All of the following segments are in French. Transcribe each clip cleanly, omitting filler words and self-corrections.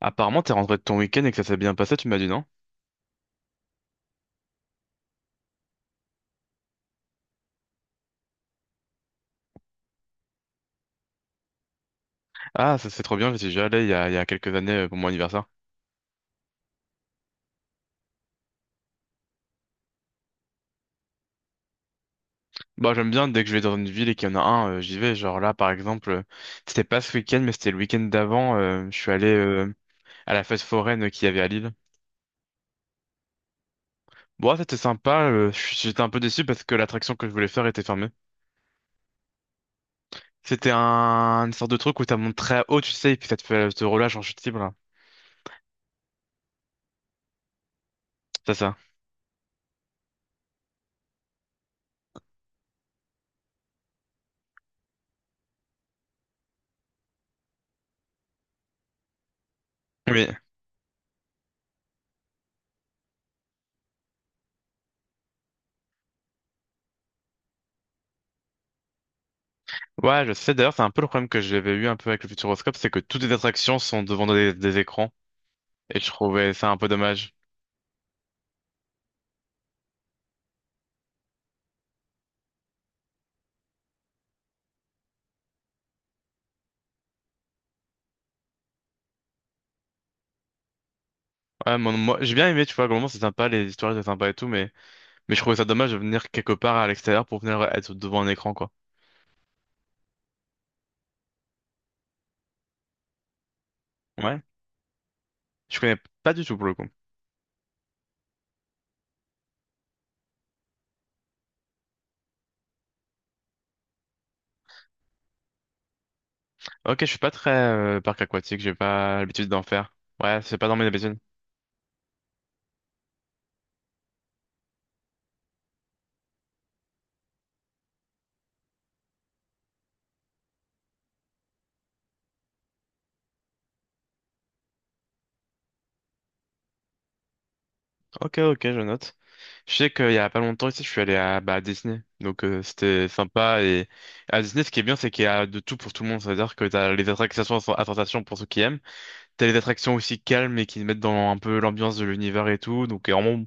Apparemment, t'es rentré de ton week-end et que ça s'est bien passé, tu m'as dit non? Ah, ça c'est trop bien, j'y suis déjà allé il y a quelques années pour mon anniversaire. Bah, j'aime bien, dès que je vais dans une ville et qu'il y en a un, j'y vais. Genre là, par exemple, c'était pas ce week-end, mais c'était le week-end d'avant, je suis allé à la fête foraine qu'il y avait à Lille. Bon, ouais, c'était sympa, j'étais un peu déçu parce que l'attraction que je voulais faire était fermée. C'était une sorte de truc où t'as monté très haut, tu sais, et puis ça te fait te relâche en chute libre, là. C'est ça. Oui. Ouais, je sais. D'ailleurs, c'est un peu le problème que j'avais eu un peu avec le Futuroscope, c'est que toutes les attractions sont devant des écrans. Et je trouvais ça un peu dommage. Ouais, moi, j'ai bien aimé, tu vois, globalement, c'est sympa, les histoires étaient sympas et tout, mais je trouvais ça dommage de venir quelque part à l'extérieur pour venir être devant un écran, quoi. Ouais. Je connais pas du tout pour le coup. Ok, je suis pas très parc aquatique, j'ai pas l'habitude d'en faire. Ouais, c'est pas dans mes habitudes. Ok, ok, je note. Je sais qu'il y a pas longtemps ici, je suis allé bah, à Disney, donc c'était sympa. Et à Disney, ce qui est bien, c'est qu'il y a de tout pour tout le monde, c'est-à-dire que t'as les attractions à sensation pour ceux qui aiment. T'as des attractions aussi calmes et qui mettent dans un peu l'ambiance de l'univers et tout, donc vraiment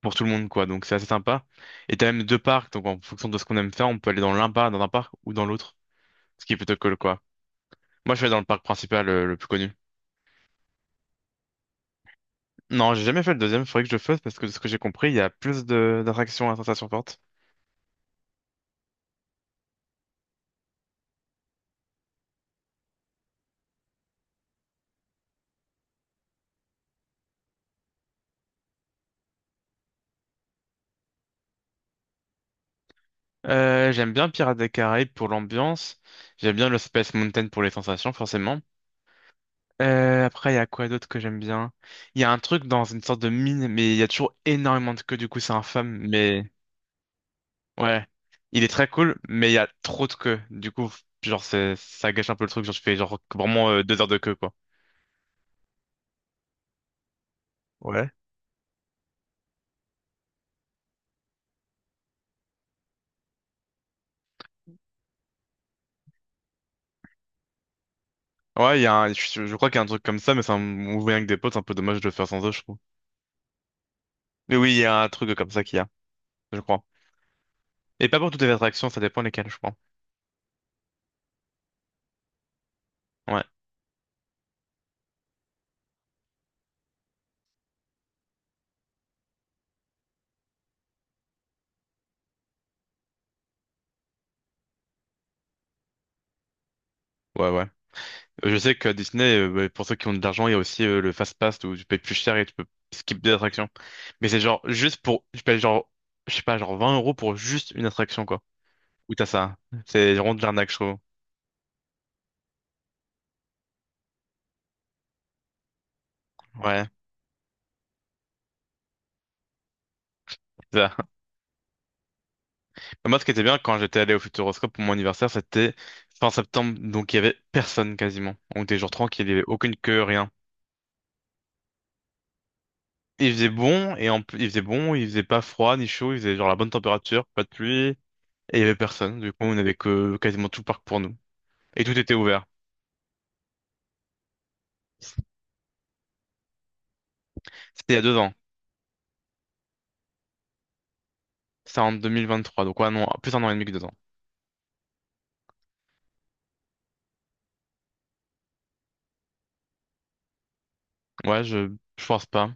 pour tout le monde quoi, donc c'est assez sympa. Et t'as même deux parcs, donc en fonction de ce qu'on aime faire, on peut aller dans un parc ou dans l'autre, ce qui est plutôt cool quoi. Moi je vais dans le parc principal le plus connu. Non, j'ai jamais fait le deuxième, faudrait que je le fasse parce que de ce que j'ai compris, il y a plus de d'attractions à sensation forte. J'aime bien Pirates des Caraïbes pour l'ambiance. J'aime bien le Space Mountain pour les sensations, forcément. Après, il y a quoi d'autre que j'aime bien? Il y a un truc dans une sorte de mine, mais il y a toujours énormément de queues, du coup, c'est infâme, mais ouais. Il est très cool, mais il y a trop de queues. Du coup, genre, ça gâche un peu le truc. Genre, je fais genre vraiment 2 heures de queue, quoi. Ouais. Ouais, il y a je crois qu'il y a un truc comme ça, mais c'est un mouvement avec des potes, c'est un peu dommage de le faire sans eux, je trouve. Mais oui, il y a un truc comme ça qu'il y a, je crois. Et pas pour toutes les attractions, ça dépend lesquelles, je crois. Ouais. Ouais, ouais. Je sais qu'à Disney, bah, pour ceux qui ont de l'argent, il y a aussi le Fast Pass où tu payes plus cher et tu peux skip des attractions. Mais c'est genre juste pour, tu payes genre, je sais pas, genre 20 € pour juste une attraction, quoi. Ou t'as ça. C'est vraiment de l'arnaque, je trouve. Ouais, c'est ça. Moi, ce qui était bien quand j'étais allé au Futuroscope pour mon anniversaire, c'était fin septembre, donc il y avait personne quasiment. On était genre tranquille, il y avait aucune queue, rien. Il faisait bon, et en plus, il faisait bon, il faisait pas froid ni chaud, il faisait genre la bonne température, pas de pluie, et il y avait personne. Du coup, on avait que quasiment tout le parc pour nous. Et tout était ouvert. C'était il y a 2 ans. C'est en 2023. Donc ouais, non, plus un an et demi que 2 ans. Ouais, je pense pas.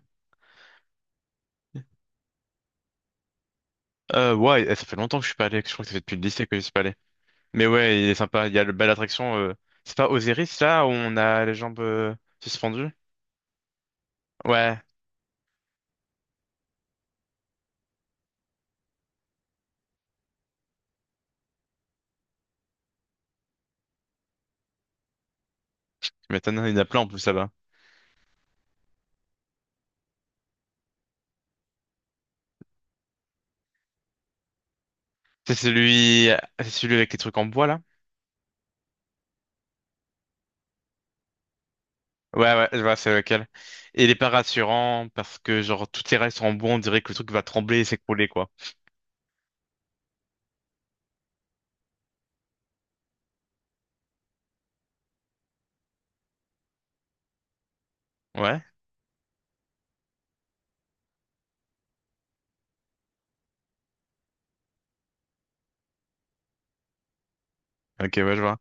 Ouais, ça fait longtemps que je suis pas allé. Je crois que ça fait depuis le lycée que je suis pas allé. Mais ouais, il est sympa. Il y a le belle attraction. C'est pas Osiris là où on a les jambes suspendues? Ouais, tu m'étonnes. Il y en a plein en plus là-bas. C'est celui, c'est celui avec les trucs en bois là? Ouais, ouais, je vois, c'est lequel. Et il est pas rassurant parce que genre toutes les rails sont en bois, on dirait que le truc va trembler et s'écrouler quoi. Ouais, ok, ouais, je vois.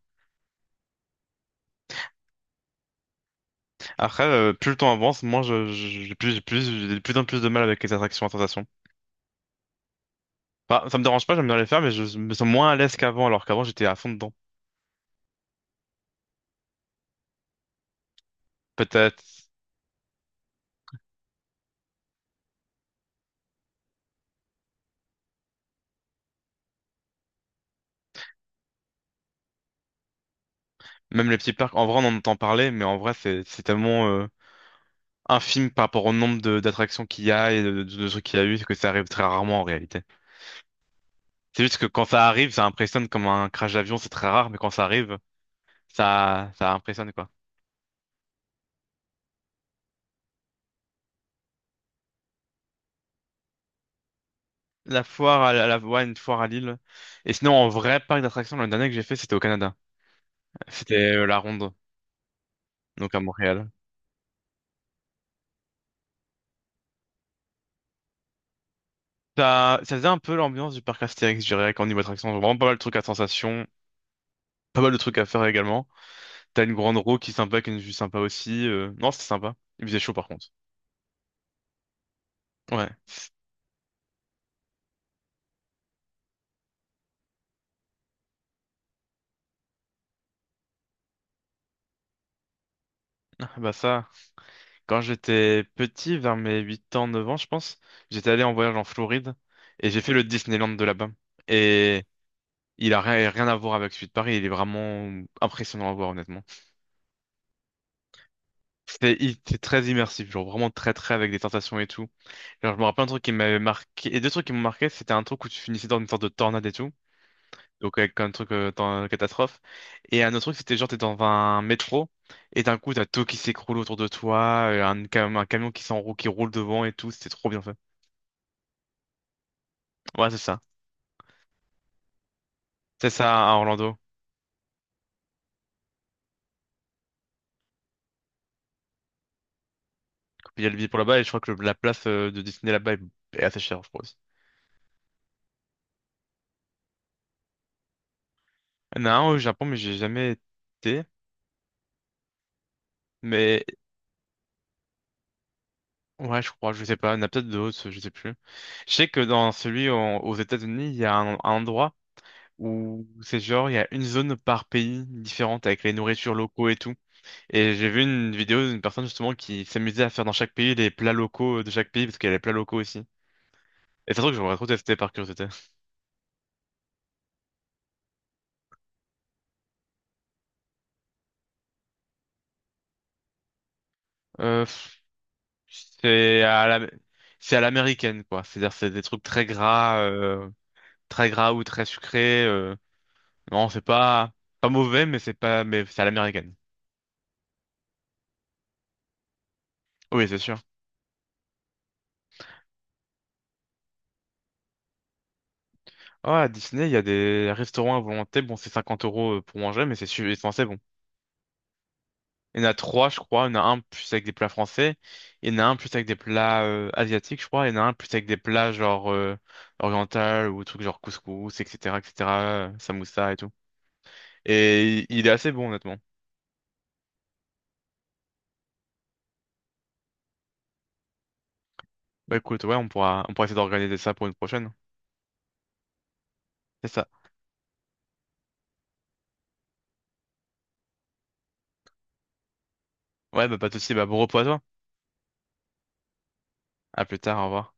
Après, plus le temps avance, moins j'ai de plus en plus de mal avec les attractions à sensations. Enfin, ça me dérange pas, j'aime bien les faire, mais je me sens moins à l'aise qu'avant, alors qu'avant j'étais à fond dedans. Peut-être même les petits parcs. En vrai, on en entend parler, mais en vrai, c'est tellement infime par rapport au nombre de d'attractions qu'il y a et de trucs qu'il y a eu que ça arrive très rarement en réalité. C'est juste que quand ça arrive, ça impressionne comme un crash d'avion, c'est très rare, mais quand ça arrive, ça impressionne quoi. La foire à la, la, Ouais, une foire à Lille. Et sinon, en vrai parc d'attractions, l'année dernière que j'ai fait, c'était au Canada. C'était la Ronde, donc à Montréal. Ça faisait un peu l'ambiance du parc Astérix, je dirais, qu'en niveau attraction. Vraiment pas mal de trucs à sensation, pas mal de trucs à faire également. T'as une grande roue qui est sympa, qui est une vue sympa aussi. Non, c'était sympa. Il faisait chaud par contre. Ouais, ah, bah ça, quand j'étais petit, vers mes 8 ans, 9 ans, je pense, j'étais allé en voyage en Floride et j'ai fait le Disneyland de là-bas. Et il a rien, rien à voir avec celui de Paris, il est vraiment impressionnant à voir, honnêtement. C'était il était très immersif, genre vraiment très très avec des tentations et tout. Genre, je me rappelle un truc qui m'avait marqué, et deux trucs qui m'ont marqué, c'était un truc où tu finissais dans une sorte de tornade et tout, donc avec un truc dans catastrophe, et un autre truc c'était genre t'es dans un métro, et d'un coup t'as tout qui s'écroule autour de toi, un camion qui s'enroule, qui roule devant et tout, c'était trop bien fait. Ouais, c'est ça. C'est ça à Orlando. Puis il y a le billet pour là-bas, et je crois que la place de Disney là-bas est assez chère, je pense. Il y en a un au Japon, mais j'ai jamais été, mais ouais, je crois, je sais pas, il y en a peut-être d'autres, je sais plus. Je sais que dans celui aux États-Unis, il y a un endroit où c'est genre, il y a une zone par pays différente avec les nourritures locaux et tout. Et j'ai vu une vidéo d'une personne justement qui s'amusait à faire dans chaque pays les plats locaux de chaque pays parce qu'il y a les plats locaux aussi. Et c'est un truc que j'aimerais trop tester par curiosité. Pff, c'est à la... C'est à l'américaine quoi. C'est-à-dire c'est des trucs très gras ou très sucrés. Non, c'est pas mauvais, mais c'est pas, mais c'est à l'américaine. Oui, c'est sûr. Ah à Disney, il y a des restaurants à volonté. Bon, c'est 50 € pour manger, mais c'est censé Il y en a trois, je crois. Il y en a un plus avec des plats français. Il y en a un plus avec des plats asiatiques, je crois. Il y en a un plus avec des plats genre oriental ou trucs genre couscous, etc., etc., samoussa et tout. Et il est assez bon, honnêtement. Bah écoute, ouais, on pourra essayer d'organiser ça pour une prochaine. C'est ça. Ouais, bah pas de souci. Bah bon repos à toi. À plus tard, au revoir.